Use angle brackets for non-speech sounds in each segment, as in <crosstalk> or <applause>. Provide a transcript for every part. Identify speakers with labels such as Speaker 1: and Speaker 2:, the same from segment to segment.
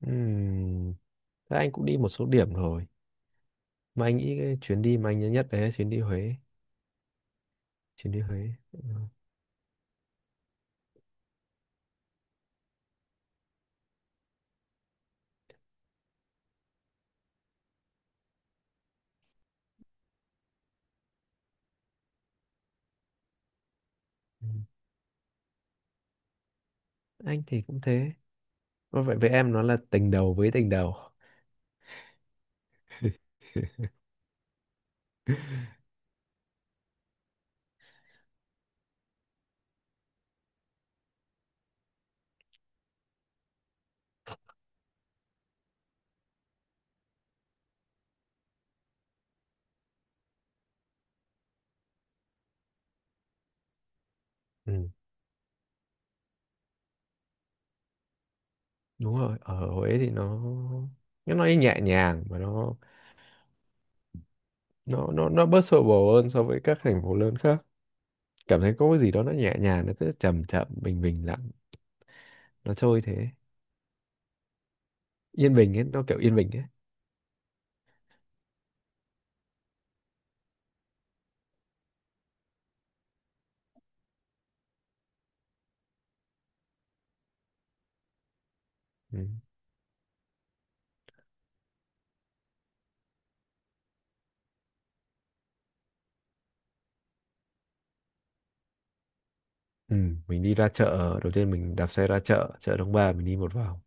Speaker 1: Ừm, Thế anh cũng đi một số điểm rồi. Mà anh nghĩ cái chuyến đi mà anh nhớ nhất đấy là chuyến đi Huế. Chuyến đi Huế. Ừ. Ừ. Anh thì cũng thế. Có Vậy với em nó là tình đầu với tình đầu. <laughs> Ừ, đúng rồi, ở Huế thì nó nói nhẹ nhàng, mà nó bớt xô bồ hơn so với các thành phố lớn khác. Cảm thấy có cái gì đó nó nhẹ nhàng, nó cứ chậm chậm bình bình lặng, nó trôi thế. Yên bình ấy, nó kiểu yên bình ấy. Ừ. Ừ, mình đi ra chợ đầu tiên, mình đạp xe ra chợ, chợ Đông Ba, mình đi một vòng,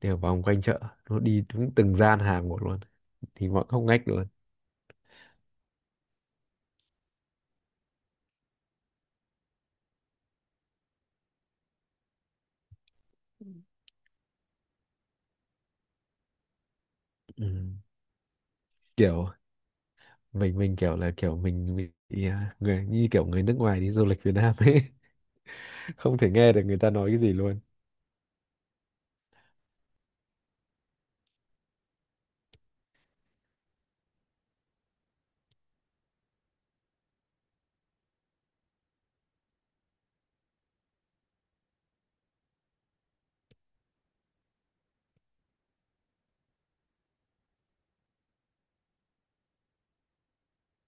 Speaker 1: đi một vòng quanh chợ, nó đi đúng từng gian hàng một luôn, thì mọi ngóc ngách luôn. Ừ. Kiểu mình kiểu là kiểu mình bị người như kiểu người nước ngoài đi du lịch Việt Nam ấy. <laughs> Không thể nghe được người ta nói cái gì luôn.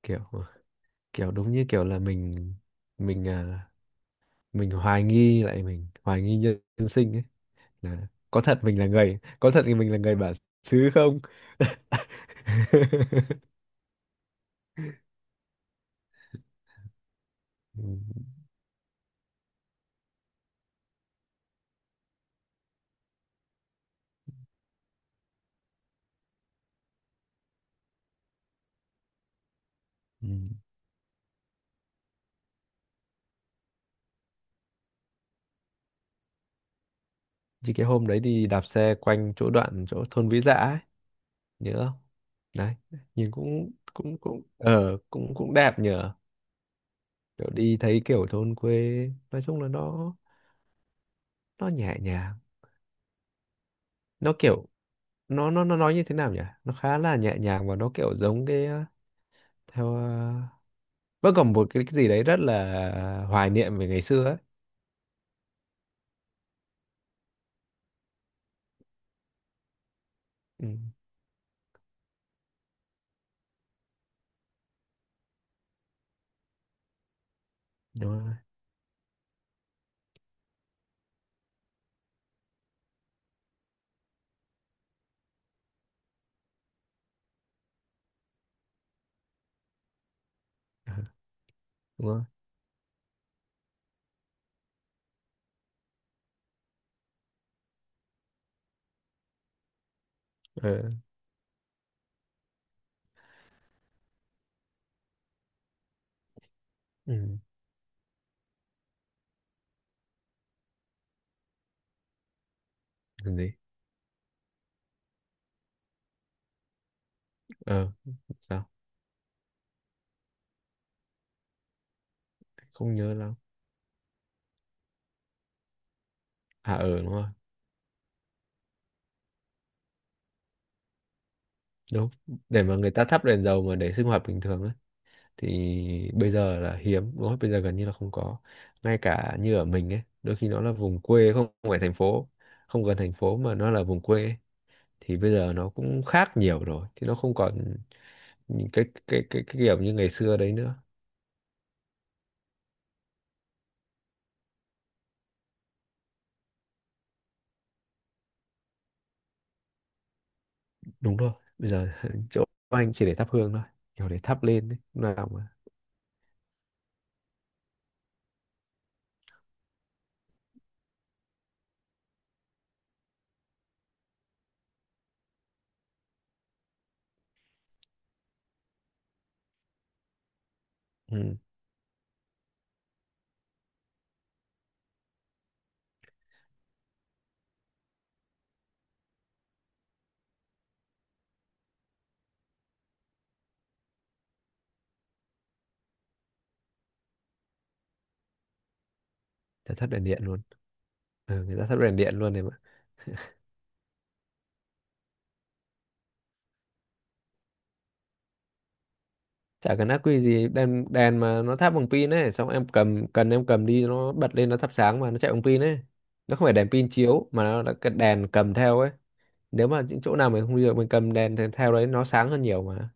Speaker 1: Kiểu kiểu đúng như kiểu là mình à, mình hoài nghi lại, mình hoài nghi nhân, nhân sinh ấy, là có thật mình là người có thật thì mình là người bản xứ không. <laughs> Ừ. Ừ. Như cái hôm đấy đi đạp xe quanh chỗ đoạn chỗ thôn Vĩ Dạ ấy, nhớ không? Đấy, nhìn cũng cũng cũng ờ cũng cũng đẹp nhờ. Kiểu đi thấy kiểu thôn quê, nói chung là nó nhẹ nhàng. Nó kiểu nó nói như thế nào nhỉ? Nó khá là nhẹ nhàng, và nó kiểu giống cái theo ờ, vẫn còn một cái gì đấy rất là hoài niệm về ngày xưa ấy. Ừ. Đúng rồi. Ờ, Đúng rồi. Ờ. Ừ. Làm gì? Ờ, sao? Không nhớ lắm. À, ờ, đúng rồi. Đúng, để mà người ta thắp đèn dầu mà để sinh hoạt bình thường á, thì bây giờ là hiếm, đúng không? Bây giờ gần như là không có, ngay cả như ở mình ấy, đôi khi nó là vùng quê không phải thành phố, không gần thành phố mà nó là vùng quê ấy, thì bây giờ nó cũng khác nhiều rồi, thì nó không còn những cái kiểu như ngày xưa đấy nữa. Đúng rồi, bây giờ <laughs> chỗ anh chỉ để thắp hương thôi, kiểu để thắp lên ấy. Lúc nào mà ừ, người ta thắp đèn điện luôn. Ừ, người ta thắp đèn điện luôn này. Chả cần ác quy gì, đèn đèn mà nó thắp bằng pin ấy, xong em cầm cần em cầm đi nó bật lên, nó thắp sáng mà nó chạy bằng pin ấy. Nó không phải đèn pin chiếu, mà nó là cái đèn cầm theo ấy. Nếu mà những chỗ nào mình không đi được, mình cầm theo đấy, nó sáng hơn nhiều mà.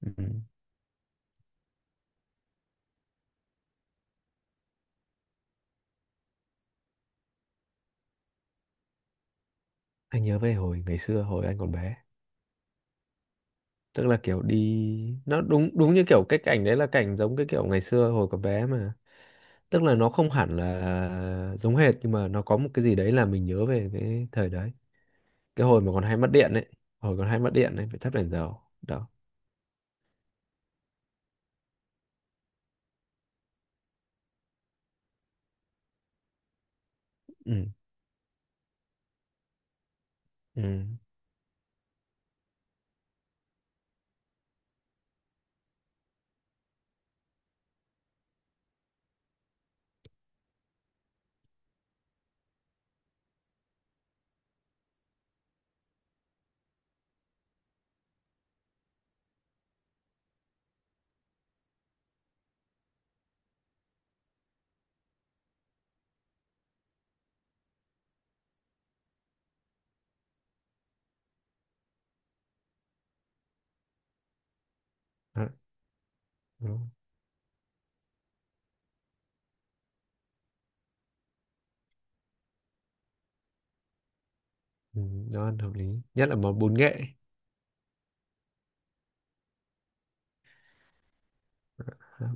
Speaker 1: Ừ. Anh nhớ về hồi ngày xưa, hồi anh còn bé, tức là kiểu đi, nó đúng đúng như kiểu cái cảnh đấy là cảnh giống cái kiểu ngày xưa hồi còn bé mà, tức là nó không hẳn là giống hệt, nhưng mà nó có một cái gì đấy là mình nhớ về cái thời đấy, cái hồi mà còn hay mất điện ấy, hồi còn hay mất điện ấy phải thắp đèn dầu đó. Ừ. Ừ. Đó, đúng. Ừ, nó ăn hợp lý, nhất là món bún nghệ.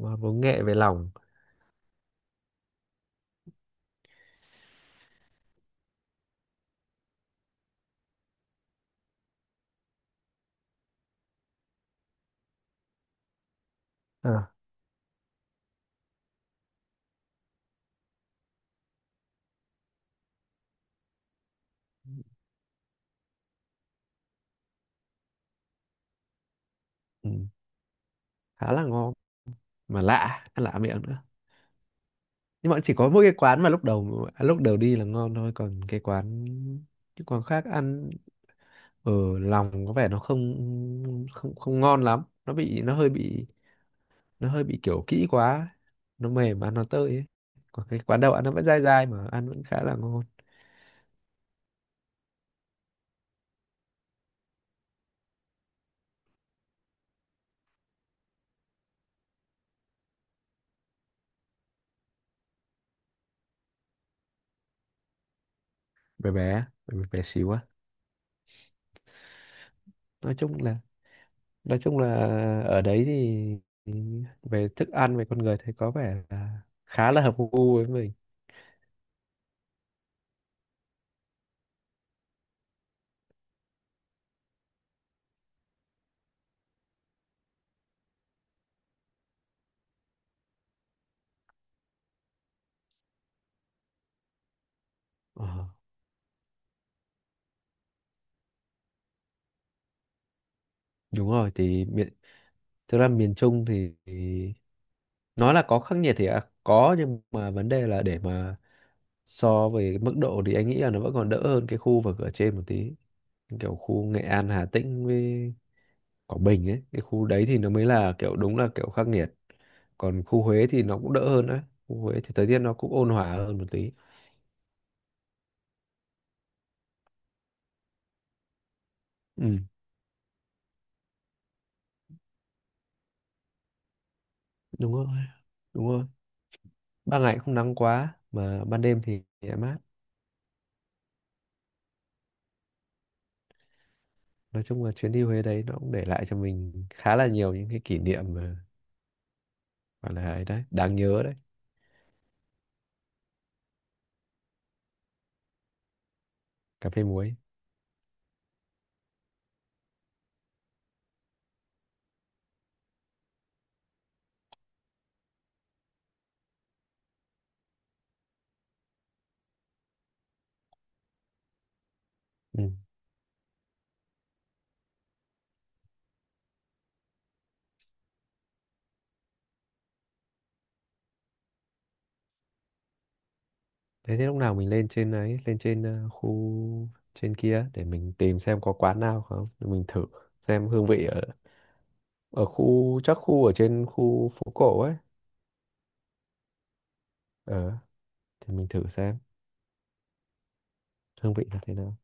Speaker 1: Món bún nghệ về lòng. À. Ừ. Khá là ngon, mà lạ, ăn lạ miệng nữa, nhưng mà chỉ có mỗi cái quán mà lúc đầu đi là ngon thôi, còn cái quán khác ăn ở lòng có vẻ nó không không không ngon lắm, nó bị, nó hơi bị kiểu kỹ quá, nó mềm, ăn nó tơi ấy, còn cái quán đậu ăn nó vẫn dai dai, mà ăn vẫn khá là ngon. Bé xíu á. Nói chung là nói chung là ở đấy thì thì về thức ăn, về con người thấy có vẻ là khá là hợp gu với mình. Ờ, đúng rồi thì miền, thực ra miền Trung thì nói là có khắc nghiệt thì có, nhưng mà vấn đề là để mà so về mức độ thì anh nghĩ là nó vẫn còn đỡ hơn cái khu vực ở trên một tí, kiểu khu Nghệ An, Hà Tĩnh với Quảng Bình ấy, cái khu đấy thì nó mới là kiểu đúng là kiểu khắc nghiệt. Còn khu Huế thì nó cũng đỡ hơn đấy, khu Huế thì thời tiết nó cũng ôn hòa hơn một tí. Ừ, đúng rồi đúng rồi, ban ngày không nắng quá, mà ban đêm thì lại mát. Nói chung là chuyến đi Huế đấy nó cũng để lại cho mình khá là nhiều những cái kỷ niệm mà gọi là ấy đấy, đáng nhớ đấy. Cà phê muối. Ừ. thế thế lúc nào mình lên trên ấy, lên khu, trên kia để mình tìm xem có quán nào không, để mình thử xem hương vị ở ở khu, chắc khu ở trên khu phố cổ ấy. Ờ, thì mình thử xem hương vị là thế nào.